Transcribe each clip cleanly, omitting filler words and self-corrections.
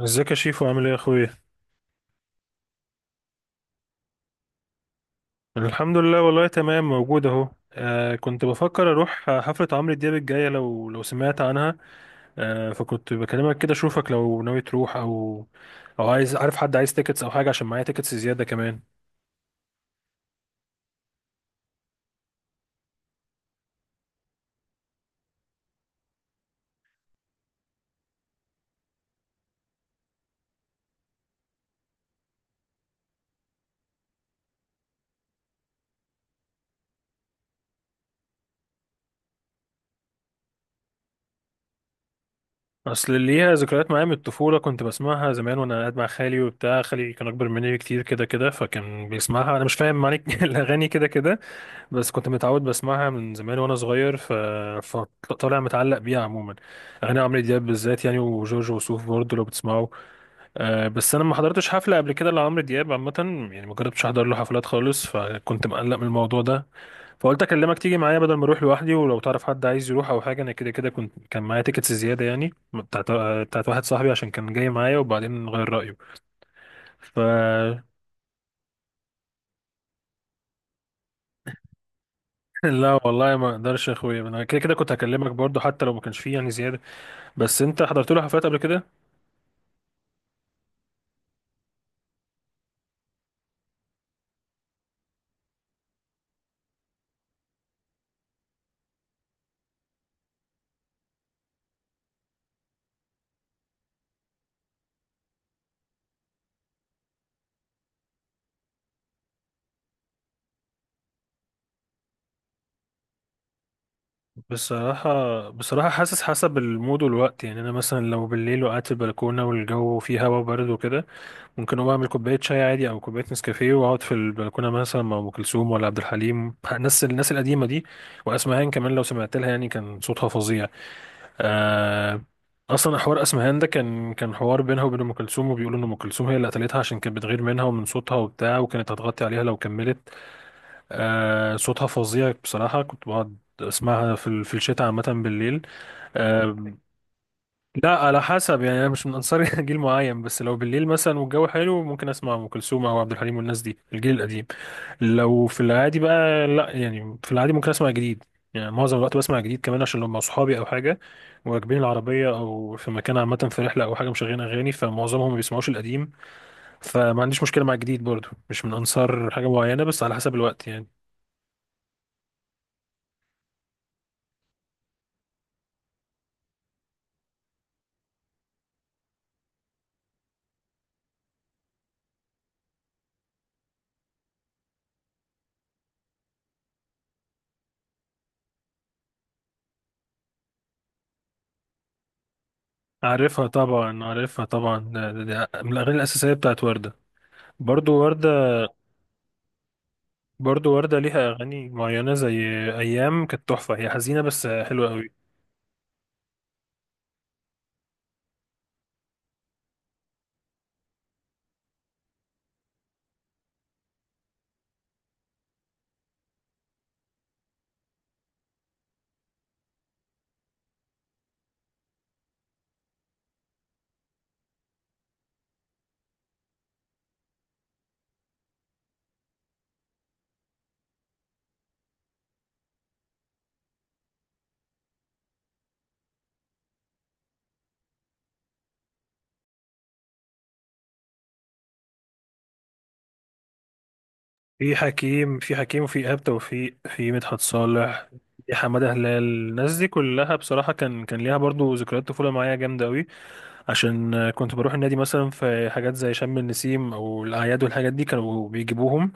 ازيك يا شيفو؟ عامل ايه يا اخويا؟ الحمد لله والله تمام، موجود اهو. كنت بفكر اروح حفلة عمرو دياب الجاية، لو سمعت عنها. فكنت بكلمك كده اشوفك لو ناوي تروح او عايز، عارف حد عايز تيكتس او حاجة، عشان معايا تيكتس زيادة كمان. اصل اللي ليها ذكريات معايا من الطفولة، كنت بسمعها زمان وانا قاعد مع خالي، وبتاع خالي كان اكبر مني بكتير كده كده، فكان بيسمعها انا مش فاهم معنى الاغاني كده كده. بس كنت متعود بسمعها من زمان وانا صغير، فطالع متعلق بيها عموما. اغاني عمرو دياب بالذات يعني، وجورج وسوف برضه لو بتسمعوا. بس انا ما حضرتش حفله قبل كده لعمرو دياب عامه، يعني ما جربتش احضر له حفلات خالص، فكنت مقلق من الموضوع ده. فقلت اكلمك تيجي معايا بدل ما اروح لوحدي، ولو تعرف حد عايز يروح او حاجه، انا كده كده كنت كان معايا تيكتس زياده، يعني بتاعت واحد صاحبي عشان كان جاي معايا وبعدين غير رايه. ف لا والله ما اقدرش يا اخويا، انا كده كده كنت هكلمك برضه حتى لو ما كانش فيه يعني زياده. بس انت حضرت له حفلات قبل كده؟ بصراحه حاسس حسب المود والوقت، يعني انا مثلا لو بالليل وقعدت في البلكونه والجو فيه هوا بارد وكده، ممكن اقوم اعمل كوبايه شاي عادي او كوبايه نسكافيه واقعد في البلكونه مثلا مع ام كلثوم ولا عبد الحليم، الناس القديمه دي. واسمهان كمان لو سمعت لها يعني، كان صوتها فظيع. آه اصلا حوار اسمهان ده كان حوار بينها وبين ام كلثوم، وبيقولوا ان ام كلثوم هي اللي قتلتها عشان كانت بتغير منها ومن صوتها وبتاع، وكانت هتغطي عليها لو كملت. صوتها فظيع بصراحة، كنت بقعد اسمعها في في الشتاء عامة بالليل. آه لا، على حسب يعني، انا مش من انصار جيل معين، بس لو بالليل مثلا والجو حلو ممكن اسمع ام كلثوم او عبد الحليم والناس دي، الجيل القديم. لو في العادي بقى لا، يعني في العادي ممكن اسمع جديد. يعني معظم الوقت بسمع جديد كمان، عشان لو مع صحابي او حاجة وراكبين العربية او في مكان عامة، في رحلة او حاجة مشغلين اغاني، فمعظمهم ما بيسمعوش القديم. فما عنديش مشكلة مع الجديد برضو، مش من انصار حاجة معينة، بس على حسب الوقت يعني. عارفها طبعا، عارفها طبعا، ده من الأغاني الأساسية بتاعت وردة. برضو وردة. برضو وردة ليها أغاني معينة زي أيام، كانت تحفة، هي حزينة بس حلوة قوي. في حكيم، وفي إيهاب توفيق، في مدحت صالح، في حمادة هلال، الناس دي كلها بصراحة كان ليها برضو ذكريات طفولة معايا جامدة قوي. عشان كنت بروح النادي مثلا، في حاجات زي شم النسيم أو الأعياد والحاجات دي كانوا بيجيبوهم.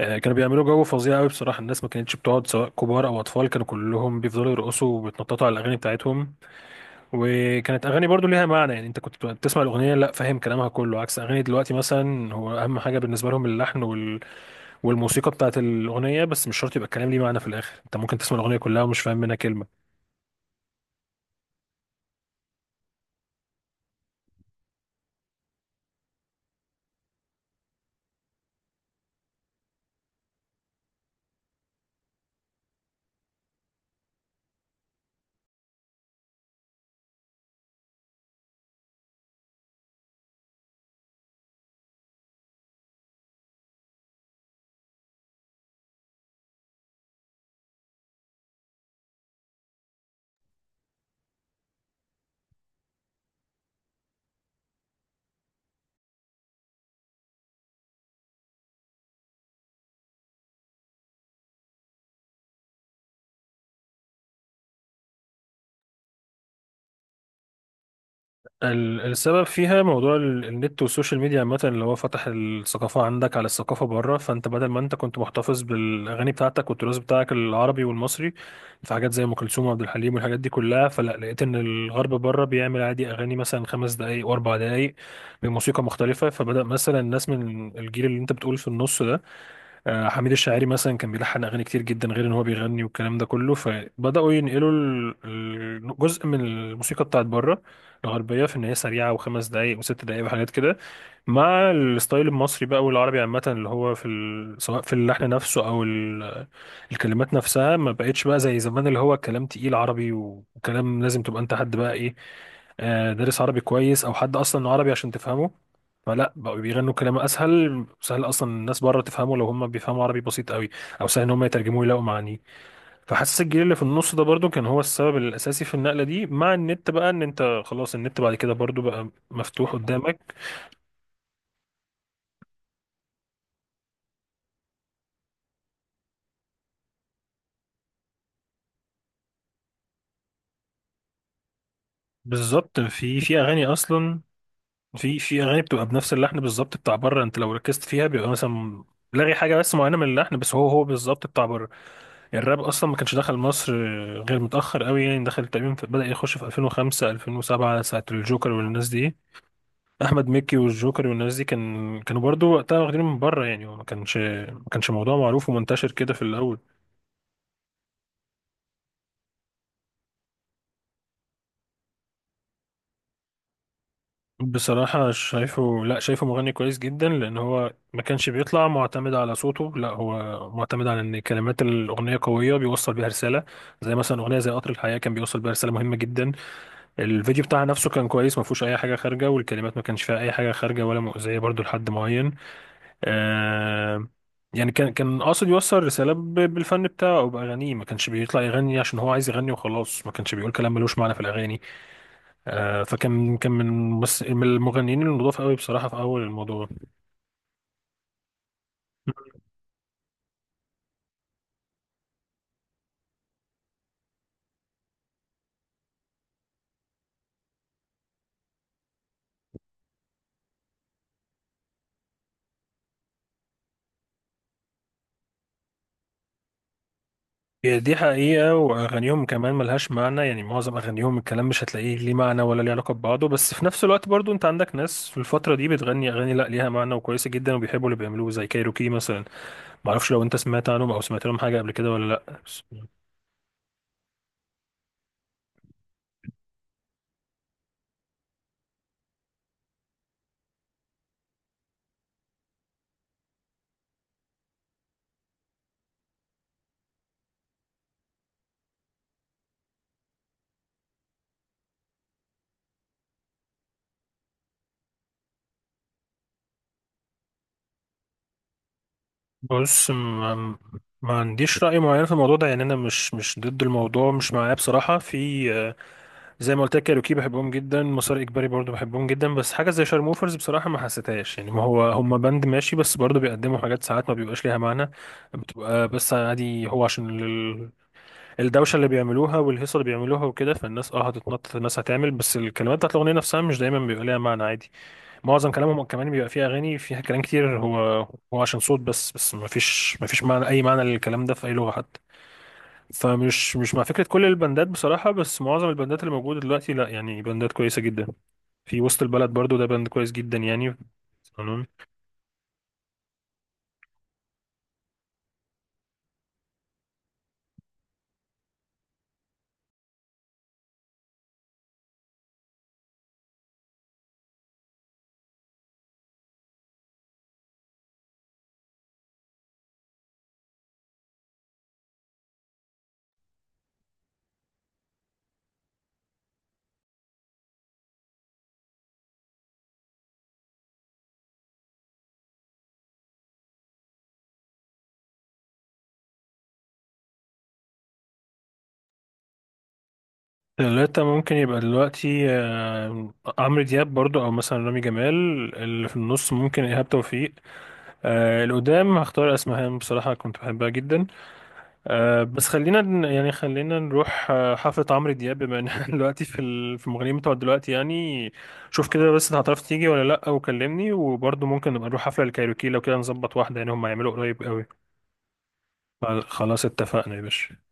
كانوا بيعملوا جو فظيع قوي بصراحة، الناس ما كانتش بتقعد، سواء كبار أو أطفال كانوا كلهم بيفضلوا يرقصوا وبيتنططوا على الأغاني بتاعتهم. وكانت أغاني برضو ليها معنى، يعني أنت كنت بتسمع الأغنية لا فاهم كلامها كله، عكس أغاني دلوقتي مثلا، هو أهم حاجة بالنسبة لهم اللحن والموسيقى بتاعت الأغنية، بس مش شرط يبقى الكلام ليه معنى في الآخر، أنت ممكن تسمع الأغنية كلها ومش فاهم منها كلمة. السبب فيها موضوع النت والسوشيال ميديا عامة، اللي هو فتح الثقافة عندك على الثقافة بره، فانت بدل ما انت كنت محتفظ بالأغاني بتاعتك والتراث بتاعك العربي والمصري، في حاجات زي أم كلثوم وعبد الحليم والحاجات دي كلها، فلا لقيت إن الغرب بره بيعمل عادي أغاني مثلا خمس دقايق وأربع دقايق بموسيقى مختلفة. فبدأ مثلا الناس من الجيل اللي انت بتقول في النص ده، حميد الشاعري مثلا كان بيلحن اغاني كتير جدا غير ان هو بيغني والكلام ده كله، فبداوا ينقلوا جزء من الموسيقى بتاعت بره الغربيه، في ان هي سريعه وخمس دقائق وست دقائق وحاجات كده، مع الستايل المصري بقى والعربي عامة، اللي هو في سواء في اللحن نفسه أو الكلمات نفسها، ما بقتش بقى زي زمان اللي هو كلام تقيل عربي، وكلام لازم تبقى أنت حد بقى إيه، دارس عربي كويس أو حد أصلا عربي عشان تفهمه. فلا بقوا بيغنوا كلام أسهل، سهل أصلا الناس بره تفهمه لو هم بيفهموا عربي بسيط قوي، أو سهل إن هم يترجموه يلاقوا معانيه. فحاسس الجيل اللي في النص ده برضو كان هو السبب الأساسي في النقلة دي، مع النت بقى، إن أنت خلاص النت بعد كده برضو بقى مفتوح قدامك. بالظبط، في اغاني اصلا، في اغاني بتبقى بنفس اللحن بالظبط بتاع بره، انت لو ركزت فيها بيبقى مثلا لغي حاجه بس معينه من اللحن، بس هو بالظبط بتاع بره. الراب اصلا ما كانش دخل مصر غير متاخر قوي، يعني دخل تقريبا بدا يخش في 2005 2007، ساعه الجوكر والناس دي. احمد مكي والجوكر والناس دي كانوا برضو وقتها واخدين من بره يعني، هو ما كانش موضوع معروف ومنتشر كده في الاول. بصراحة شايفه، لا شايفه مغني كويس جدا، لأن هو ما كانش بيطلع معتمد على صوته، لا هو معتمد على إن كلمات الأغنية قوية بيوصل بيها رسالة. زي مثلا أغنية زي قطر الحياة، كان بيوصل بيها رسالة مهمة جدا. الفيديو بتاعها نفسه كان كويس، ما فيهوش أي حاجة خارجة، والكلمات ما كانش فيها أي حاجة خارجة ولا مؤذية برضو لحد معين. آه يعني كان قاصد يوصل رسالة بالفن بتاعه أو بأغانيه، ما كانش بيطلع يغني عشان هو عايز يغني وخلاص، ما كانش بيقول كلام ملوش معنى في الأغاني. فكان من المغنيين النضاف قوي بصراحة في أول الموضوع. هي دي حقيقة، وأغانيهم كمان ملهاش معنى، يعني معظم أغانيهم الكلام مش هتلاقيه ليه معنى ولا ليه علاقة ببعضه، بس في نفس الوقت برضو أنت عندك ناس في الفترة دي بتغني أغاني لأ ليها معنى وكويسة جدا وبيحبوا اللي بيعملوه زي كايروكي مثلا. معرفش لو أنت سمعت عنهم أو سمعت لهم حاجة قبل كده ولا لأ، بص، ما عنديش رأي معين في الموضوع ده يعني، أنا مش ضد الموضوع، مش معاه بصراحة. في زي ما قلت لك كايروكي بحبهم جدا، مسار اجباري برضو بحبهم جدا، بس حاجه زي شارموفرز بصراحه ما حسيتهاش يعني، ما هو هم باند ماشي، بس برضو بيقدموا حاجات ساعات ما بيبقاش ليها معنى، بتبقى بس عادي هو عشان الدوشه اللي بيعملوها والهيصه اللي بيعملوها وكده، فالناس هتتنطط، الناس هتعمل، بس الكلمات بتاعت الاغنيه نفسها مش دايما بيبقى ليها معنى عادي. معظم كلامهم كمان بيبقى فيها اغاني فيها كلام كتير، هو عشان صوت بس ما فيش معنى، اي معنى للكلام ده في اي لغه حتى. فمش مش مع فكرة كل البندات بصراحة، بس معظم البندات اللي موجودة دلوقتي لا، يعني بندات كويسة جدا، في وسط البلد برضو ده بند كويس جدا يعني. تمام. ثلاثة ممكن يبقى دلوقتي عمرو دياب برضو أو مثلا رامي جمال. اللي في النص ممكن إيهاب توفيق. اللي قدام هختار أسمهان، بصراحة كنت بحبها جدا. بس خلينا يعني خلينا نروح حفلة عمرو دياب، بما ان إحنا دلوقتي في في المغنيين بتوع دلوقتي يعني. شوف كده بس انت هتعرف تيجي ولا لا، وكلمني، وبرضه ممكن نبقى نروح حفلة الكايروكي لو كده نظبط واحدة يعني، هم هيعملوا قريب قوي. خلاص اتفقنا يا باشا.